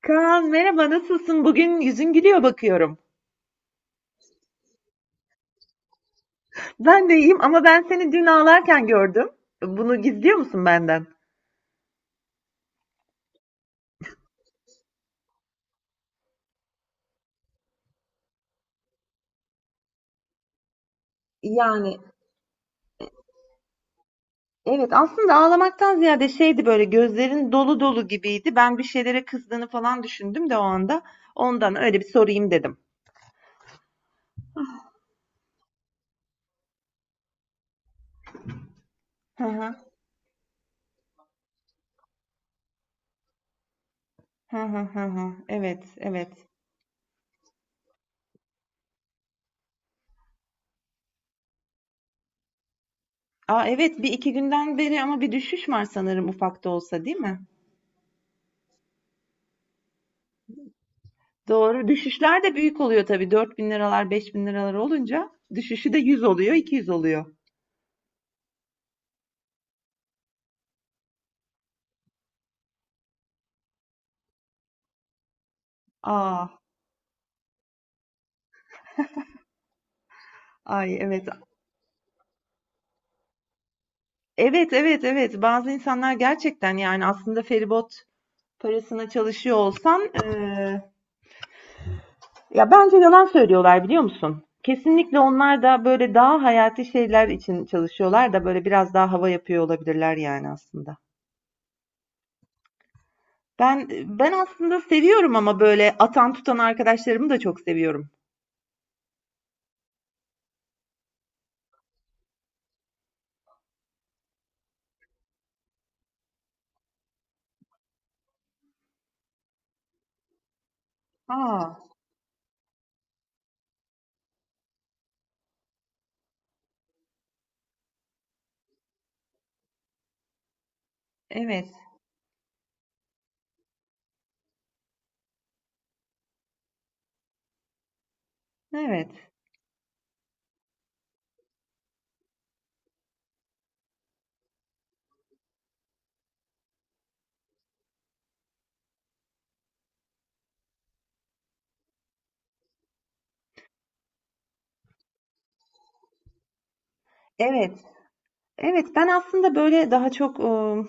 Kaan merhaba nasılsın? Bugün yüzün gülüyor bakıyorum. Ben de iyiyim ama ben seni dün ağlarken gördüm. Bunu gizliyor musun benden? Yani evet aslında ağlamaktan ziyade şeydi böyle gözlerin dolu dolu gibiydi. Ben bir şeylere kızdığını falan düşündüm de o anda. Ondan öyle bir sorayım dedim. Hı hı. Hı hı hı hı. Evet, evet. Aa evet bir iki günden beri ama bir düşüş var sanırım ufak da olsa değil mi? Doğru. Düşüşler de büyük oluyor tabii. Dört bin liralar, 5.000 liralar olunca düşüşü de 100 oluyor, 200 oluyor. Aa, ay evet. Evet, evet, evet. Bazı insanlar gerçekten yani aslında feribot parasına çalışıyor olsan ya bence yalan söylüyorlar biliyor musun? Kesinlikle onlar da böyle daha hayati şeyler için çalışıyorlar da böyle biraz daha hava yapıyor olabilirler yani aslında. Ben ben aslında seviyorum ama böyle atan tutan arkadaşlarımı da çok seviyorum. Aa, evet. Evet. Evet. Evet, ben aslında böyle daha çok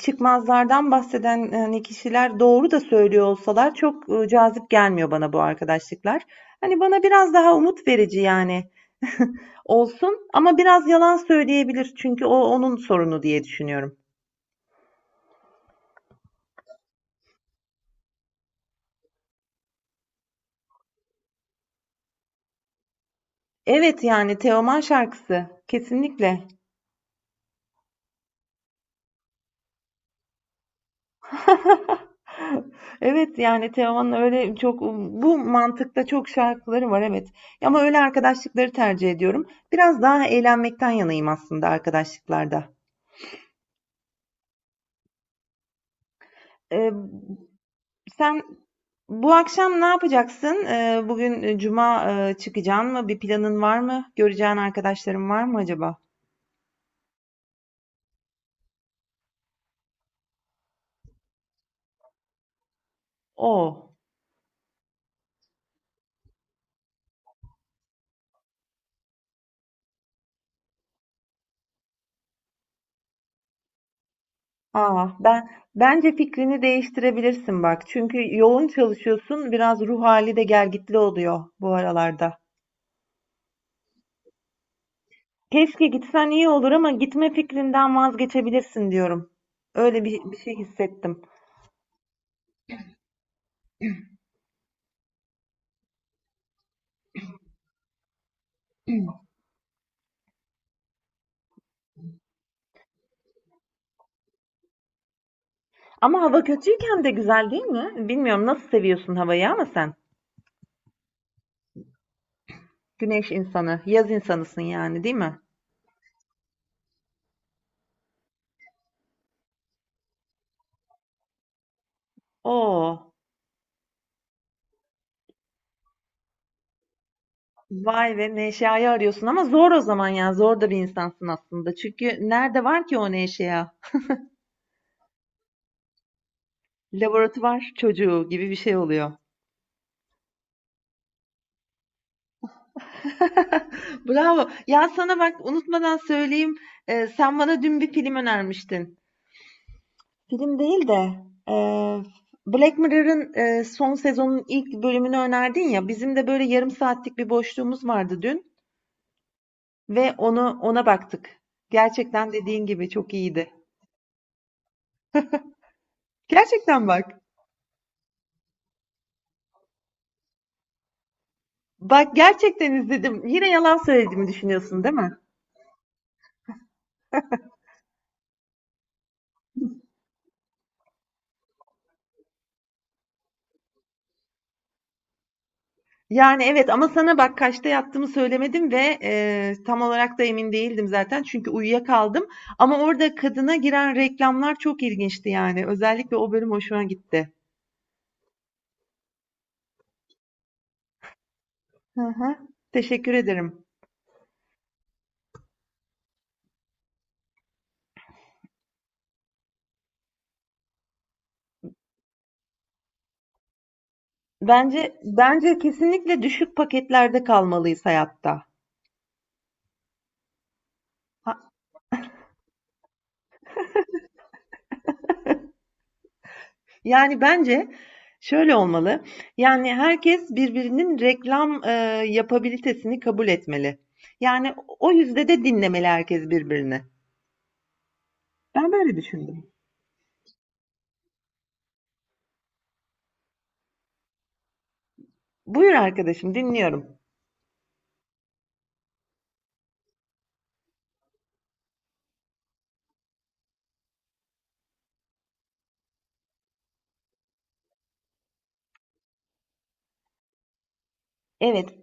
çıkmazlardan bahseden, hani, kişiler doğru da söylüyor olsalar çok, cazip gelmiyor bana bu arkadaşlıklar. Hani, bana biraz daha umut verici, yani, olsun ama biraz yalan söyleyebilir çünkü o onun sorunu diye düşünüyorum. Evet, yani, Teoman şarkısı. Kesinlikle. Evet, yani Teoman'ın öyle çok bu mantıkta çok şarkıları var evet. Ama öyle arkadaşlıkları tercih ediyorum. Biraz daha eğlenmekten yanayım aslında arkadaşlıklarda. Ee, sen bu akşam ne yapacaksın? Bugün cuma çıkacaksın mı? Bir planın var mı? Göreceğin arkadaşların var mı acaba? Oo. Aa, bence fikrini değiştirebilirsin bak. Çünkü yoğun çalışıyorsun. Biraz ruh hali de gelgitli oluyor bu aralarda. Keşke gitsen iyi olur ama gitme fikrinden vazgeçebilirsin diyorum. Öyle bir şey hissettim. Ama hava kötüyken de güzel değil mi? Bilmiyorum nasıl seviyorsun havayı ama sen. Güneş insanı, yaz insanısın yani değil mi? Oo, vay ve neşeyi arıyorsun ama zor o zaman ya. Zor da bir insansın aslında. Çünkü nerede var ki o neşeya? Laboratuvar çocuğu gibi bir şey oluyor. Bravo. Ya sana bak unutmadan söyleyeyim. Sen bana dün bir film önermiştin. Film değil de eee, Black Mirror'ın son sezonun ilk bölümünü önerdin ya. Bizim de böyle yarım saatlik bir boşluğumuz vardı dün ve onu ona baktık. Gerçekten dediğin gibi çok iyiydi. Gerçekten bak. Bak gerçekten izledim. Yine yalan söylediğimi düşünüyorsun değil mi? Yani evet ama sana bak kaçta yattığımı söylemedim ve tam olarak da emin değildim zaten çünkü uyuyakaldım. Ama orada kadına giren reklamlar çok ilginçti yani. Özellikle o bölüm hoşuma gitti. Hı hı. Teşekkür ederim. Bence kesinlikle düşük paketlerde kalmalıyız hayatta. Ha- yani bence şöyle olmalı. Yani herkes birbirinin reklam yapabilitesini kabul etmeli. Yani o yüzde de dinlemeli herkes birbirini. Ben böyle düşündüm. Buyur arkadaşım, dinliyorum. Evet,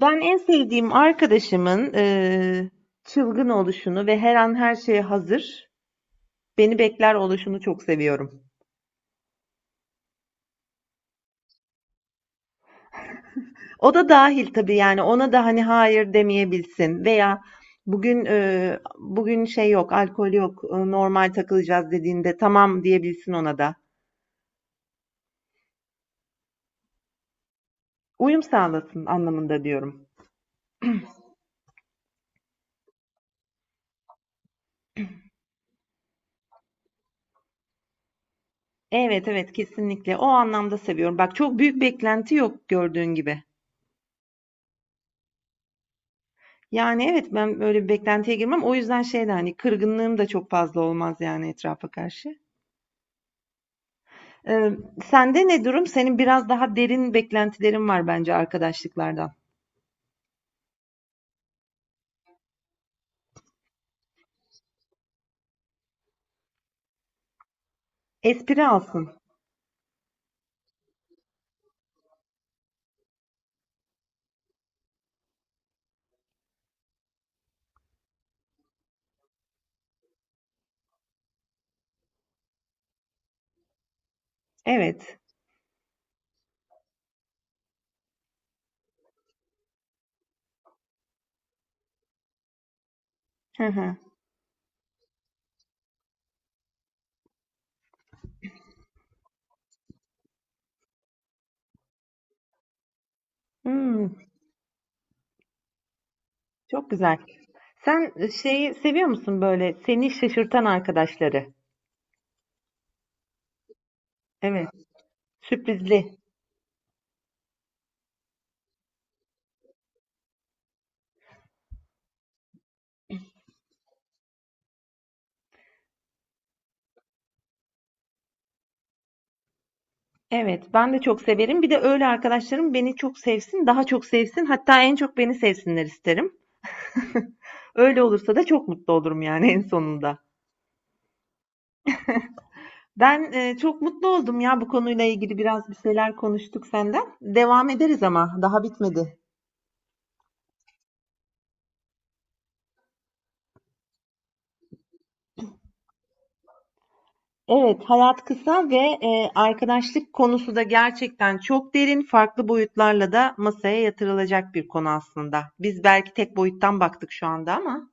ben en sevdiğim arkadaşımın çılgın oluşunu ve her an her şeye hazır, beni bekler oluşunu çok seviyorum. O da dahil tabii, yani, ona da, hani, hayır demeyebilsin veya bugün, şey yok, alkol yok, normal takılacağız dediğinde tamam diyebilsin ona da. Uyum sağlasın anlamında diyorum. Evet, evet, kesinlikle. O anlamda seviyorum. Bak çok büyük beklenti yok gördüğün gibi. Yani, evet, ben böyle bir beklentiye girmem. O yüzden şey de, hani, kırgınlığım da çok fazla olmaz, yani, etrafa karşı. Eee, sende ne durum? Senin biraz daha derin beklentilerin var bence arkadaşlıklardan. Espri alsın. Evet. Hı hı. Hımm, çok güzel. Sen, şeyi seviyor musun, böyle, seni şaşırtan arkadaşları? Evet, sürprizli. Evet, ben de çok severim. Bir de öyle arkadaşlarım beni çok sevsin, daha çok sevsin, hatta en çok beni sevsinler isterim. Öyle olursa da çok mutlu olurum yani en sonunda. Ben, çok mutlu oldum ya bu konuyla ilgili biraz bir şeyler konuştuk senden. Devam ederiz ama daha bitmedi. Evet, hayat kısa ve arkadaşlık konusu da gerçekten çok derin, farklı boyutlarla da masaya yatırılacak bir konu aslında. Biz belki tek boyuttan baktık şu anda ama.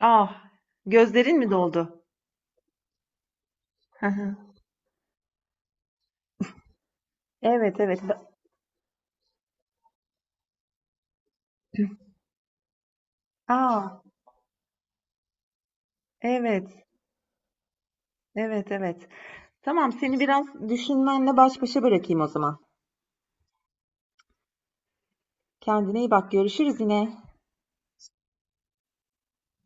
Ah, gözlerin mi doldu? Hı. Evet, evet. Aa, evet, evet, evet. Tamam, seni biraz düşünmenle baş başa bırakayım o zaman. Kendine iyi bak, görüşürüz yine.